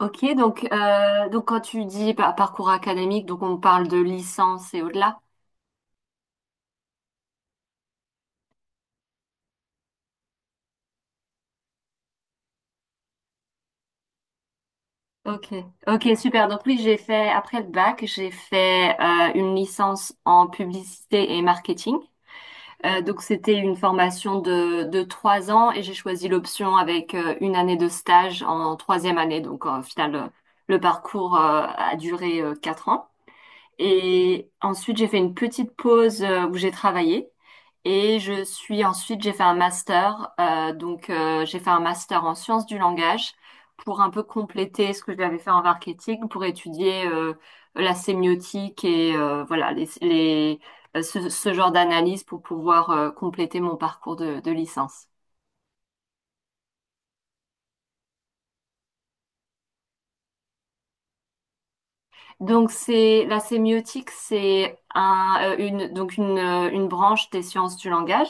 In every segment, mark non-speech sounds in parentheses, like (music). Ok, donc quand tu dis parcours académique, donc on parle de licence et au-delà. Ok, ok, super. Donc oui, j'ai fait, après le bac, j'ai fait une licence en publicité et marketing. Donc c'était une formation de 3 ans et j'ai choisi l'option avec une année de stage en troisième année. Donc au final, le parcours a duré 4 ans. Et ensuite, j'ai fait une petite pause où j'ai travaillé. Et je suis ensuite, j'ai fait un master. Donc, j'ai fait un master en sciences du langage pour un peu compléter ce que j'avais fait en marketing, pour étudier la sémiotique et voilà ce, ce genre d'analyse pour pouvoir compléter mon parcours de licence. Donc c'est la sémiotique, c'est un, une donc une branche des sciences du langage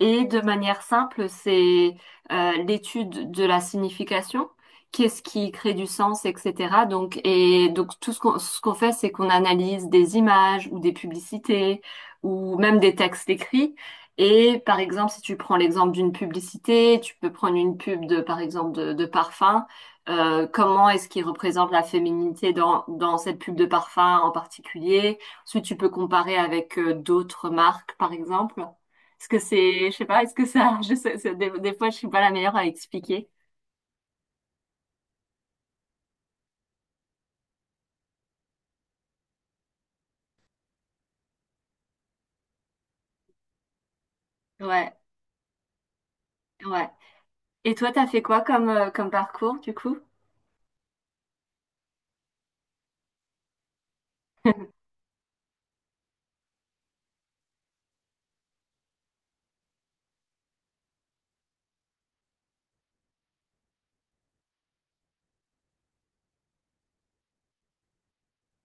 et de manière simple, c'est l'étude de la signification, qu'est-ce qui crée du sens, etc. Donc et donc tout ce qu'on fait, c'est qu'on analyse des images ou des publicités ou même des textes écrits. Et par exemple, si tu prends l'exemple d'une publicité, tu peux prendre une pub de par exemple de parfum. Comment est-ce qu'il représente la féminité dans cette pub de parfum en particulier? Ensuite, tu peux comparer avec d'autres marques, par exemple. Est-ce que c'est, je sais pas, est-ce que ça, (laughs) je sais, des fois, je suis pas la meilleure à expliquer. Ouais, ouais. Et toi, t'as fait quoi comme, comme parcours, du coup? (laughs)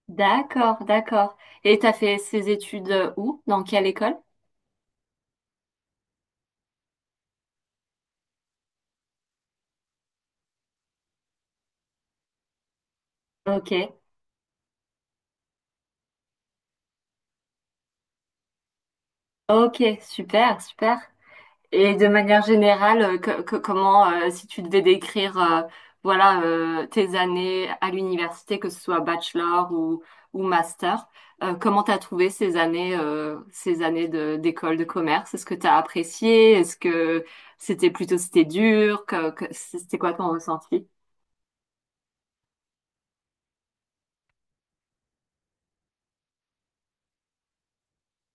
D'accord, d'accord. Et t'as fait ces études où? Dans quelle école? Ok, ok, super, super. Et de manière générale, comment, si tu devais décrire, voilà, tes années à l'université, que ce soit bachelor ou master, comment t'as trouvé ces années d'école de commerce? Est-ce que t'as apprécié? Est-ce que c'était plutôt, c'était dur? C'était quoi ton ressenti?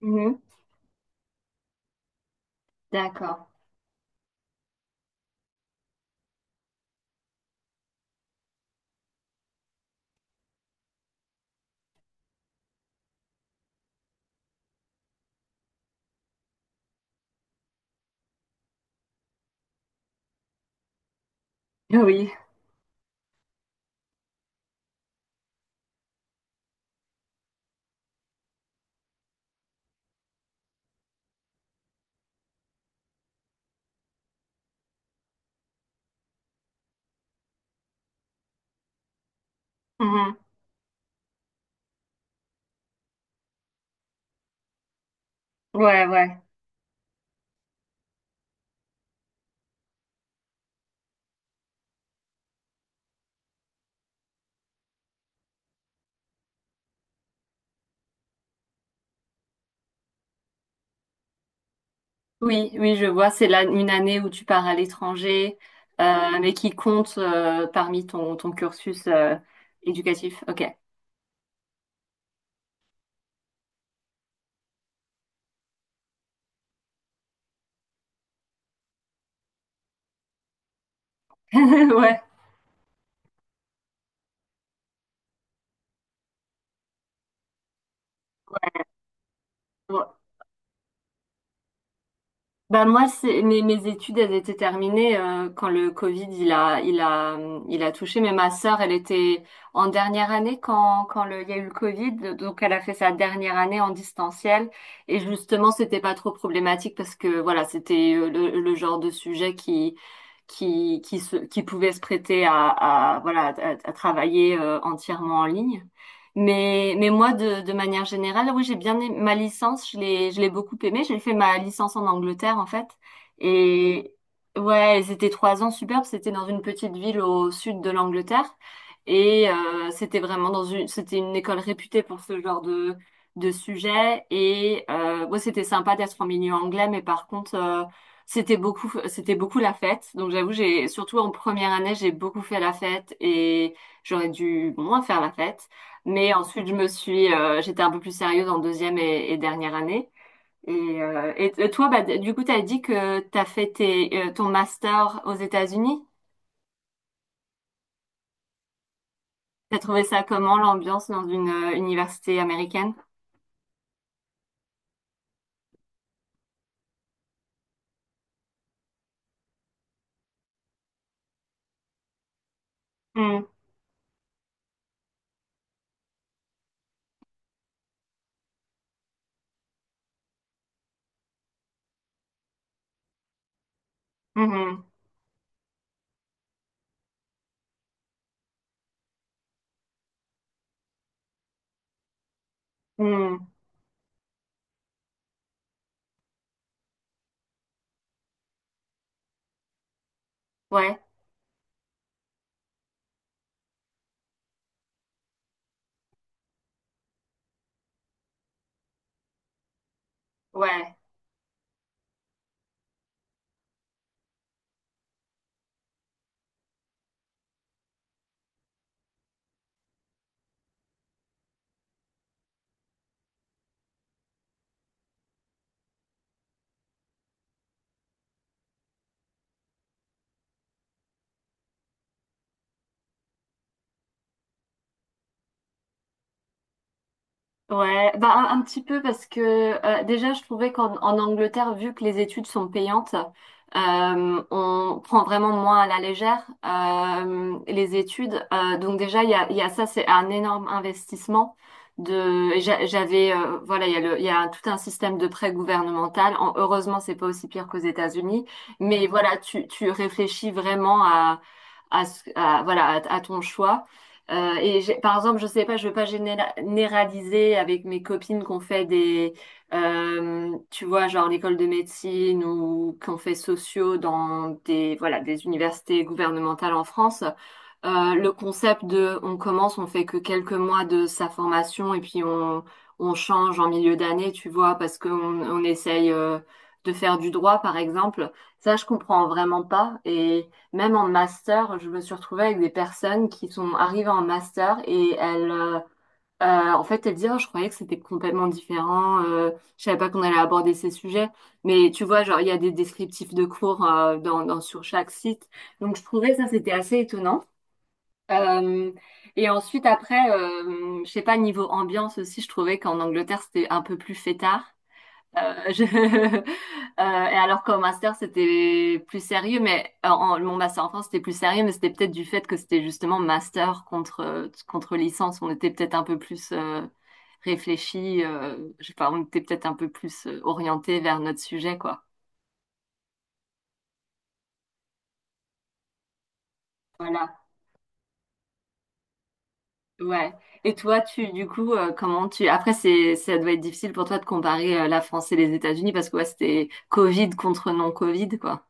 Mhm. D'accord. (laughs) Oui. Mhm. Ouais, ouais. Oui, oui, je vois. C'est là une année où tu pars à l'étranger, mais qui compte parmi ton, ton cursus éducatif. Ok. (laughs) Ouais. Bon, ben moi, c'est, mes, mes études, elles étaient terminées quand le Covid, il a touché. Mais ma sœur, elle était en dernière année il y a eu le Covid. Donc, elle a fait sa dernière année en distanciel. Et justement, c'était pas trop problématique parce que, voilà, c'était le genre de sujet qui se, qui pouvait se prêter à, voilà, à travailler entièrement en ligne. Mais moi, de manière générale, oui, j'ai bien aimé ma licence, je l'ai beaucoup aimée. J'ai fait ma licence en Angleterre, en fait. Et ouais, et c'était 3 ans superbes. C'était dans une petite ville au sud de l'Angleterre. Et c'était vraiment dans une, c'était une école réputée pour ce genre de sujet. Et ouais, c'était sympa d'être en milieu anglais, mais par contre, c'était beaucoup la fête. Donc j'avoue, j'ai, surtout en première année, j'ai beaucoup fait la fête et j'aurais dû bon, moins faire la fête. Mais ensuite, j'étais un peu plus sérieuse en deuxième et dernière année. Et et toi, bah, du coup, t'as dit que t'as fait tes, ton master aux États-Unis. T'as trouvé ça comment, l'ambiance dans une université américaine? Mm, mhm, mm. Ouais, ouais. Ouais, bah un petit peu parce que déjà je trouvais qu'en en Angleterre, vu que les études sont payantes, on prend vraiment moins à la légère les études. Donc déjà il y a ça, c'est un énorme investissement. Et j'avais voilà, il y a le, il y a tout un système de prêt gouvernemental. En- heureusement, c'est pas aussi pire qu'aux États-Unis, mais voilà, tu réfléchis vraiment à voilà à ton choix. Par exemple, je sais pas, je veux pas généraliser avec mes copines qu'on fait des, tu vois, genre l'école de médecine ou qu'on fait sociaux dans des, voilà, des universités gouvernementales en France. Le concept de on commence, on fait que quelques mois de sa formation et puis on change en milieu d'année, tu vois, parce qu'on on essaye de faire du droit, par exemple. Ça, je comprends vraiment pas. Et même en master, je me suis retrouvée avec des personnes qui sont arrivées en master et elles, en fait, elles disent, oh, je croyais que c'était complètement différent, je savais pas qu'on allait aborder ces sujets. Mais tu vois, genre, il y a des descriptifs de cours dans, sur chaque site. Donc, je trouvais ça, c'était assez étonnant. Euh, et ensuite, après, je sais pas, niveau ambiance aussi, je trouvais qu'en Angleterre, c'était un peu plus fêtard. Euh, je- (laughs) euh, et alors qu'au master, c'était plus sérieux, mon master en France, c'était plus sérieux, mais c'était peut-être du fait que c'était justement master contre, contre licence. On était peut-être un peu plus réfléchi, je sais pas, on était peut-être un peu plus orienté vers notre sujet, quoi. Voilà. Ouais. Et toi, tu, du coup, comment tu... Après, c'est, ça doit être difficile pour toi de comparer la France et les États-Unis parce que ouais, c'était Covid contre non-Covid, quoi.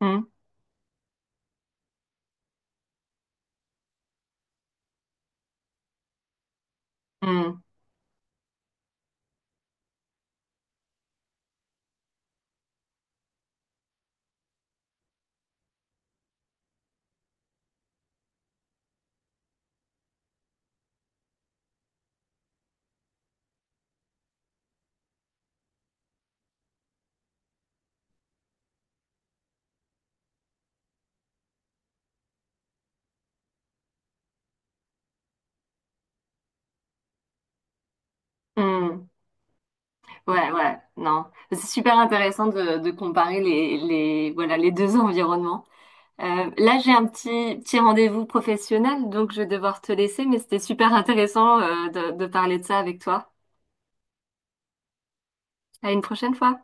Hmm, hmm, hmm. Ouais, ouais, non. C'est super intéressant de comparer les, voilà, les deux (laughs) environnements. Là, j'ai un petit, petit rendez-vous professionnel, donc je vais devoir te laisser, mais c'était super intéressant, de parler de ça avec toi. À une prochaine fois.